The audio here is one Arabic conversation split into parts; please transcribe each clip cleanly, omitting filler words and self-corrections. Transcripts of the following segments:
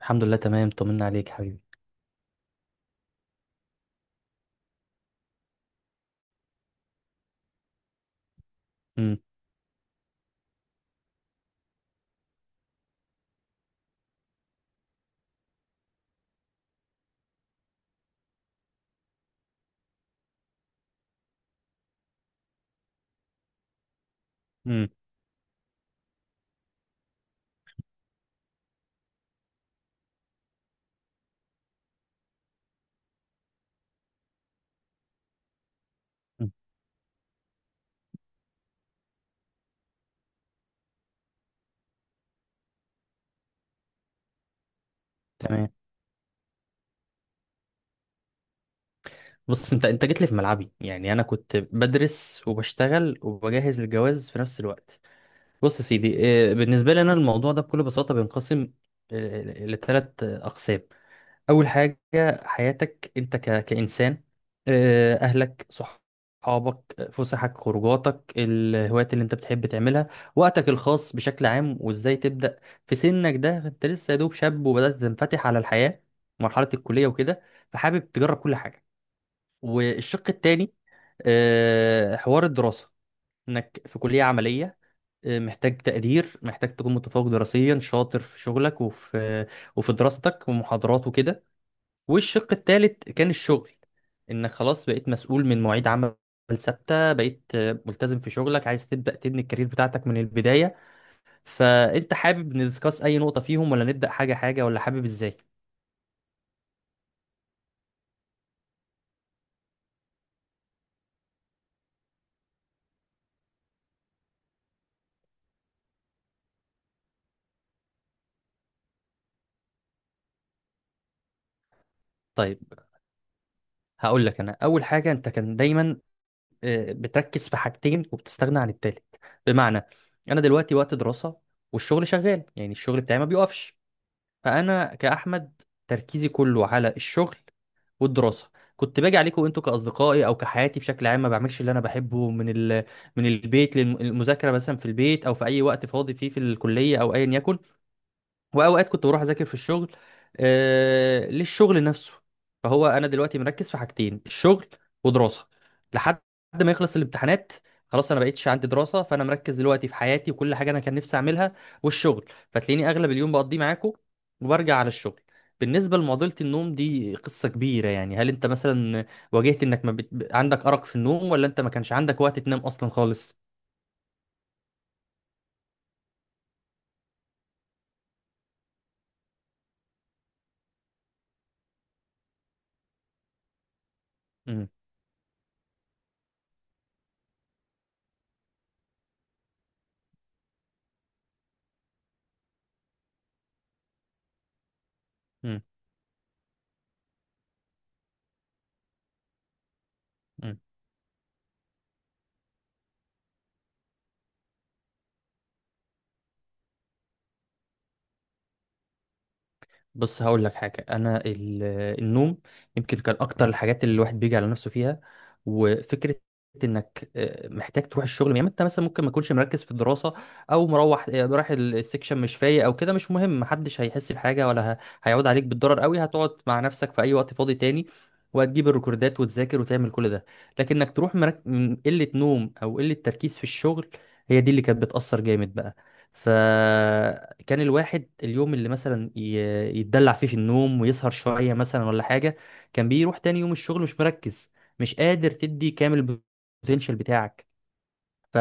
الحمد لله تمام، طمنا عليك حبيبي. امم. امم. أمم. تمام. بص انت جيت لي في ملعبي، يعني انا كنت بدرس وبشتغل وبجهز للجواز في نفس الوقت. بص يا سيدي، بالنسبه لي انا الموضوع ده بكل بساطه بينقسم لثلاث اقسام. اول حاجه، حياتك انت كانسان، اهلك، صحابك، فسحك، خروجاتك، الهوايات اللي انت بتحب تعملها، وقتك الخاص بشكل عام، وازاي تبدا. في سنك ده انت لسه يا دوب شاب وبدات تنفتح على الحياه، مرحله الكليه وكده، فحابب تجرب كل حاجه. والشق التاني، حوار الدراسه، انك في كليه عمليه، محتاج تقدير، محتاج تكون متفوق دراسيا، شاطر في شغلك وفي دراستك ومحاضرات وكده. والشق التالت كان الشغل، انك خلاص بقيت مسؤول من مواعيد عمل ثابته، بقيت ملتزم في شغلك، عايز تبدا تبني الكارير بتاعتك من البدايه. فانت حابب ندسكاس اي نقطه فيهم ولا نبدا حاجه حاجه، ولا حابب ازاي؟ طيب، هقول لك انا اول حاجه، انت كان دايما بتركز في حاجتين وبتستغنى عن التالت. بمعنى، انا دلوقتي وقت دراسه والشغل شغال، يعني الشغل بتاعي ما بيقفش. فانا كاحمد تركيزي كله على الشغل والدراسه. كنت باجي عليكم انتوا كاصدقائي او كحياتي بشكل عام، ما بعملش اللي انا بحبه، من البيت للمذاكره مثلا في البيت، او في اي وقت فاضي فيه في الكليه او ايا يكن. واوقات كنت بروح اذاكر في الشغل، آه للشغل نفسه. فهو انا دلوقتي مركز في حاجتين، الشغل ودراسه، لحد ما يخلص الامتحانات. خلاص انا بقيتش عندي دراسه، فانا مركز دلوقتي في حياتي وكل حاجه انا كان نفسي اعملها والشغل. فتلاقيني اغلب اليوم بقضيه معاكم وبرجع على الشغل. بالنسبه لمعضله النوم دي قصه كبيره، يعني هل انت مثلا واجهت انك ما بت... عندك ارق في النوم، ولا انت ما كانش عندك وقت تنام اصلا خالص؟ امم. إمم. إمم. بص هقول لك حاجة، النوم يمكن كان أكتر الحاجات اللي الواحد بيجي على نفسه فيها. وفكرة إنك محتاج تروح الشغل، يعني أنت مثلا ممكن ما تكونش مركز في الدراسة، أو مروح رايح السكشن مش فايق أو كده، مش مهم، محدش هيحس بحاجة ولا هيعود عليك بالضرر قوي، هتقعد مع نفسك في أي وقت فاضي تاني، وهتجيب الريكوردات وتذاكر وتعمل كل ده. لكن إنك تروح من قلة نوم أو قلة تركيز في الشغل، هي دي اللي كانت بتأثر جامد بقى. ف كان الواحد اليوم اللي مثلا يتدلع فيه في النوم ويسهر شوية مثلا ولا حاجة، كان بيروح تاني يوم الشغل مش مركز، مش قادر تدي كامل البوتنشال بتاعك. ف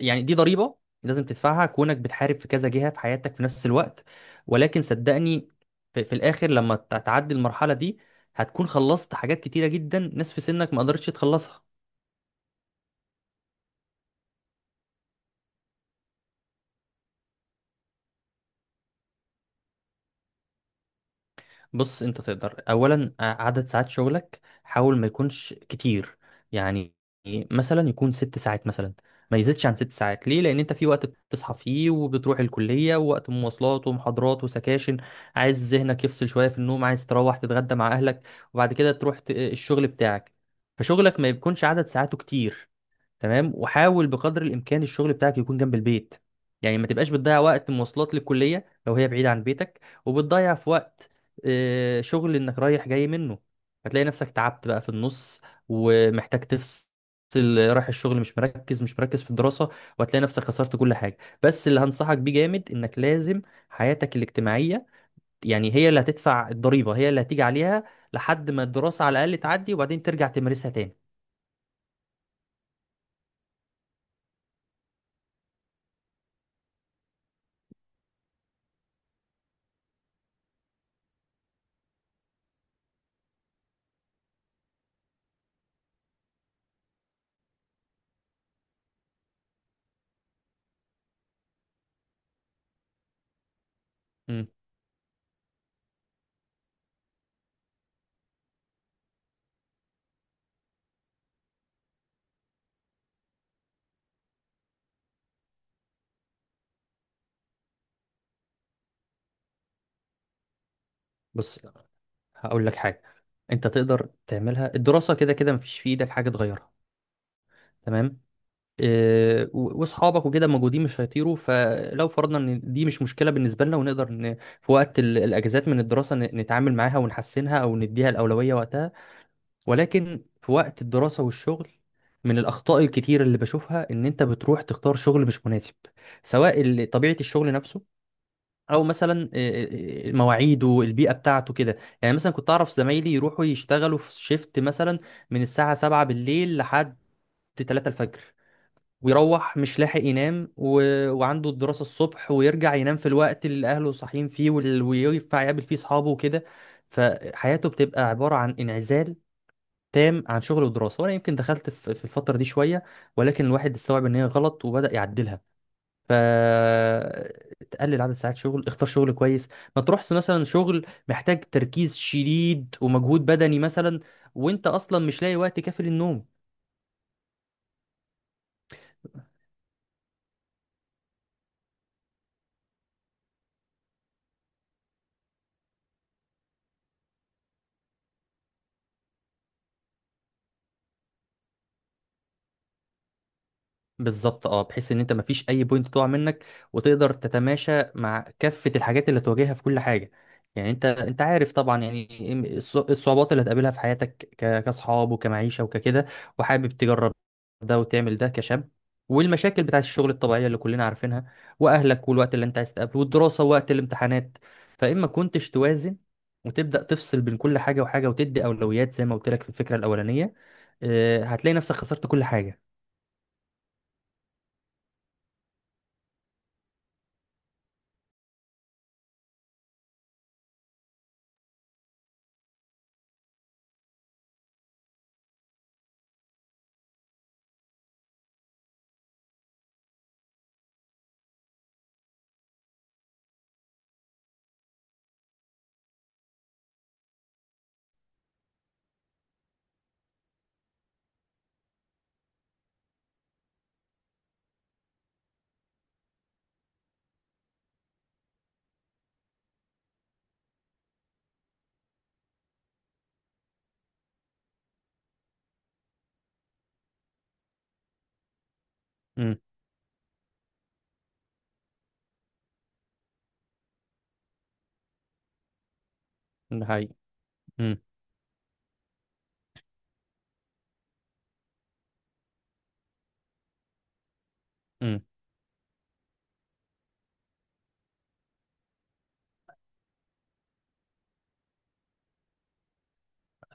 يعني دي ضريبة لازم تدفعها كونك بتحارب في كذا جهة في حياتك في نفس الوقت. ولكن صدقني في الآخر لما تعدي المرحلة دي، هتكون خلصت حاجات كتيرة جدا ناس في سنك ما قدرتش تخلصها. بص، انت تقدر اولا، عدد ساعات شغلك حاول ما يكونش كتير، يعني مثلا يكون 6 ساعات مثلا، ما يزيدش عن 6 ساعات. ليه؟ لان انت في وقت بتصحى فيه وبتروح الكليه، ووقت مواصلات ومحاضرات وسكاشن، عايز ذهنك يفصل شويه في النوم، عايز تروح تتغدى مع اهلك وبعد كده تروح الشغل بتاعك. فشغلك ما يكونش عدد ساعاته كتير، تمام. وحاول بقدر الامكان الشغل بتاعك يكون جنب البيت، يعني ما تبقاش بتضيع وقت مواصلات للكليه لو هي بعيده عن بيتك، وبتضيع في وقت شغل انك رايح جاي منه. هتلاقي نفسك تعبت بقى في النص ومحتاج تفصل، رايح الشغل مش مركز، مش مركز في الدراسه، وهتلاقي نفسك خسرت كل حاجه. بس اللي هنصحك بيه جامد، انك لازم حياتك الاجتماعيه، يعني هي اللي هتدفع الضريبه، هي اللي هتيجي عليها لحد ما الدراسه على الاقل تعدي، وبعدين ترجع تمارسها تاني. مم. بص هقول لك حاجة، انت تقدر تعملها. الدراسة كده كده مفيش في ايدك حاجة تغيرها، تمام. واصحابك وكده موجودين مش هيطيروا، فلو فرضنا ان دي مش مشكلة بالنسبة لنا، ونقدر في وقت الاجازات من الدراسة نتعامل معاها ونحسنها او نديها الأولوية وقتها. ولكن في وقت الدراسة والشغل، من الأخطاء الكتير اللي بشوفها إن أنت بتروح تختار شغل مش مناسب، سواء طبيعة الشغل نفسه، او مثلا مواعيده، البيئه بتاعته كده. يعني مثلا كنت اعرف زمايلي يروحوا يشتغلوا في شيفت مثلا من الساعه 7 بالليل لحد 3 الفجر، ويروح مش لاحق ينام وعنده الدراسه الصبح، ويرجع ينام في الوقت اللي اهله صاحيين فيه وينفع يقابل فيه اصحابه وكده. فحياته بتبقى عباره عن انعزال تام عن شغل ودراسه. وانا يمكن دخلت في الفتره دي شويه، ولكن الواحد استوعب ان هي غلط وبدا يعدلها. فتقلل عدد ساعات شغل، اختار شغل كويس، ما تروحش مثلا شغل محتاج تركيز شديد ومجهود بدني مثلا، وانت اصلا مش لاقي وقت كافي للنوم. بالظبط اه، بحيث ان انت مفيش اي بوينت تقع منك، وتقدر تتماشى مع كافة الحاجات اللي تواجهها في كل حاجة. يعني انت عارف طبعا، يعني الصعوبات اللي هتقابلها في حياتك كاصحاب وكمعيشة وككده، وحابب تجرب ده وتعمل ده كشاب، والمشاكل بتاعت الشغل الطبيعية اللي كلنا عارفينها، واهلك، والوقت اللي انت عايز تقابله، والدراسة ووقت الامتحانات. فاما كنتش توازن وتبدأ تفصل بين كل حاجة وحاجة وتدي أولويات زي ما قلت لك في الفكرة الأولانية، هتلاقي نفسك خسرت كل حاجة. امم. ده حقيقي. امم. امم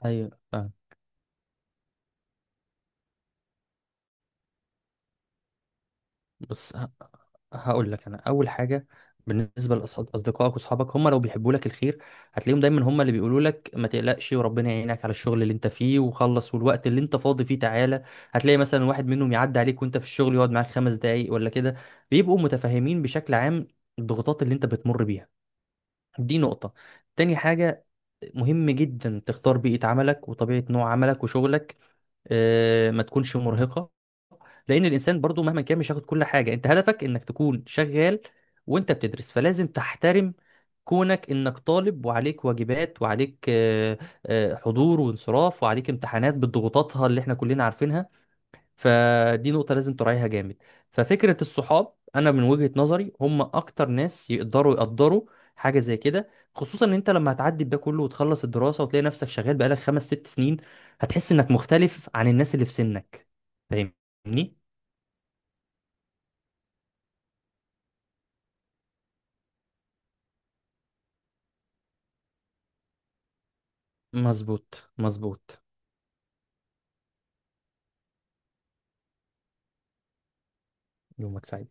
ايوه فاهم. بس هقول لك انا اول حاجه. بالنسبه لاصدقائك واصحابك، هم لو بيحبوا لك الخير هتلاقيهم دايما هم اللي بيقولوا لك ما تقلقش وربنا يعينك على الشغل اللي انت فيه وخلص، والوقت اللي انت فاضي فيه تعالى. هتلاقي مثلا واحد منهم يعدي عليك وانت في الشغل يقعد معاك 5 دقايق ولا كده، بيبقوا متفاهمين بشكل عام الضغوطات اللي انت بتمر بيها. دي نقطه. تاني حاجه، مهم جدا تختار بيئة عملك وطبيعة نوع عملك وشغلك، ما تكونش مرهقة، لأن الإنسان برضو مهما كان مش هياخد كل حاجة. أنت هدفك إنك تكون شغال وأنت بتدرس، فلازم تحترم كونك إنك طالب، وعليك واجبات، وعليك حضور وانصراف، وعليك امتحانات بضغوطاتها اللي إحنا كلنا عارفينها. فدي نقطة لازم تراعيها جامد. ففكرة الصحاب، أنا من وجهة نظري هم أكتر ناس يقدروا يقدروا حاجة زي كده، خصوصا إن أنت لما هتعدي بده كله وتخلص الدراسة وتلاقي نفسك شغال بقالك 5 6 سنين، هتحس إنك مختلف عن الناس اللي في سنك. فاهمني؟ مظبوط مظبوط. يومك سعيد.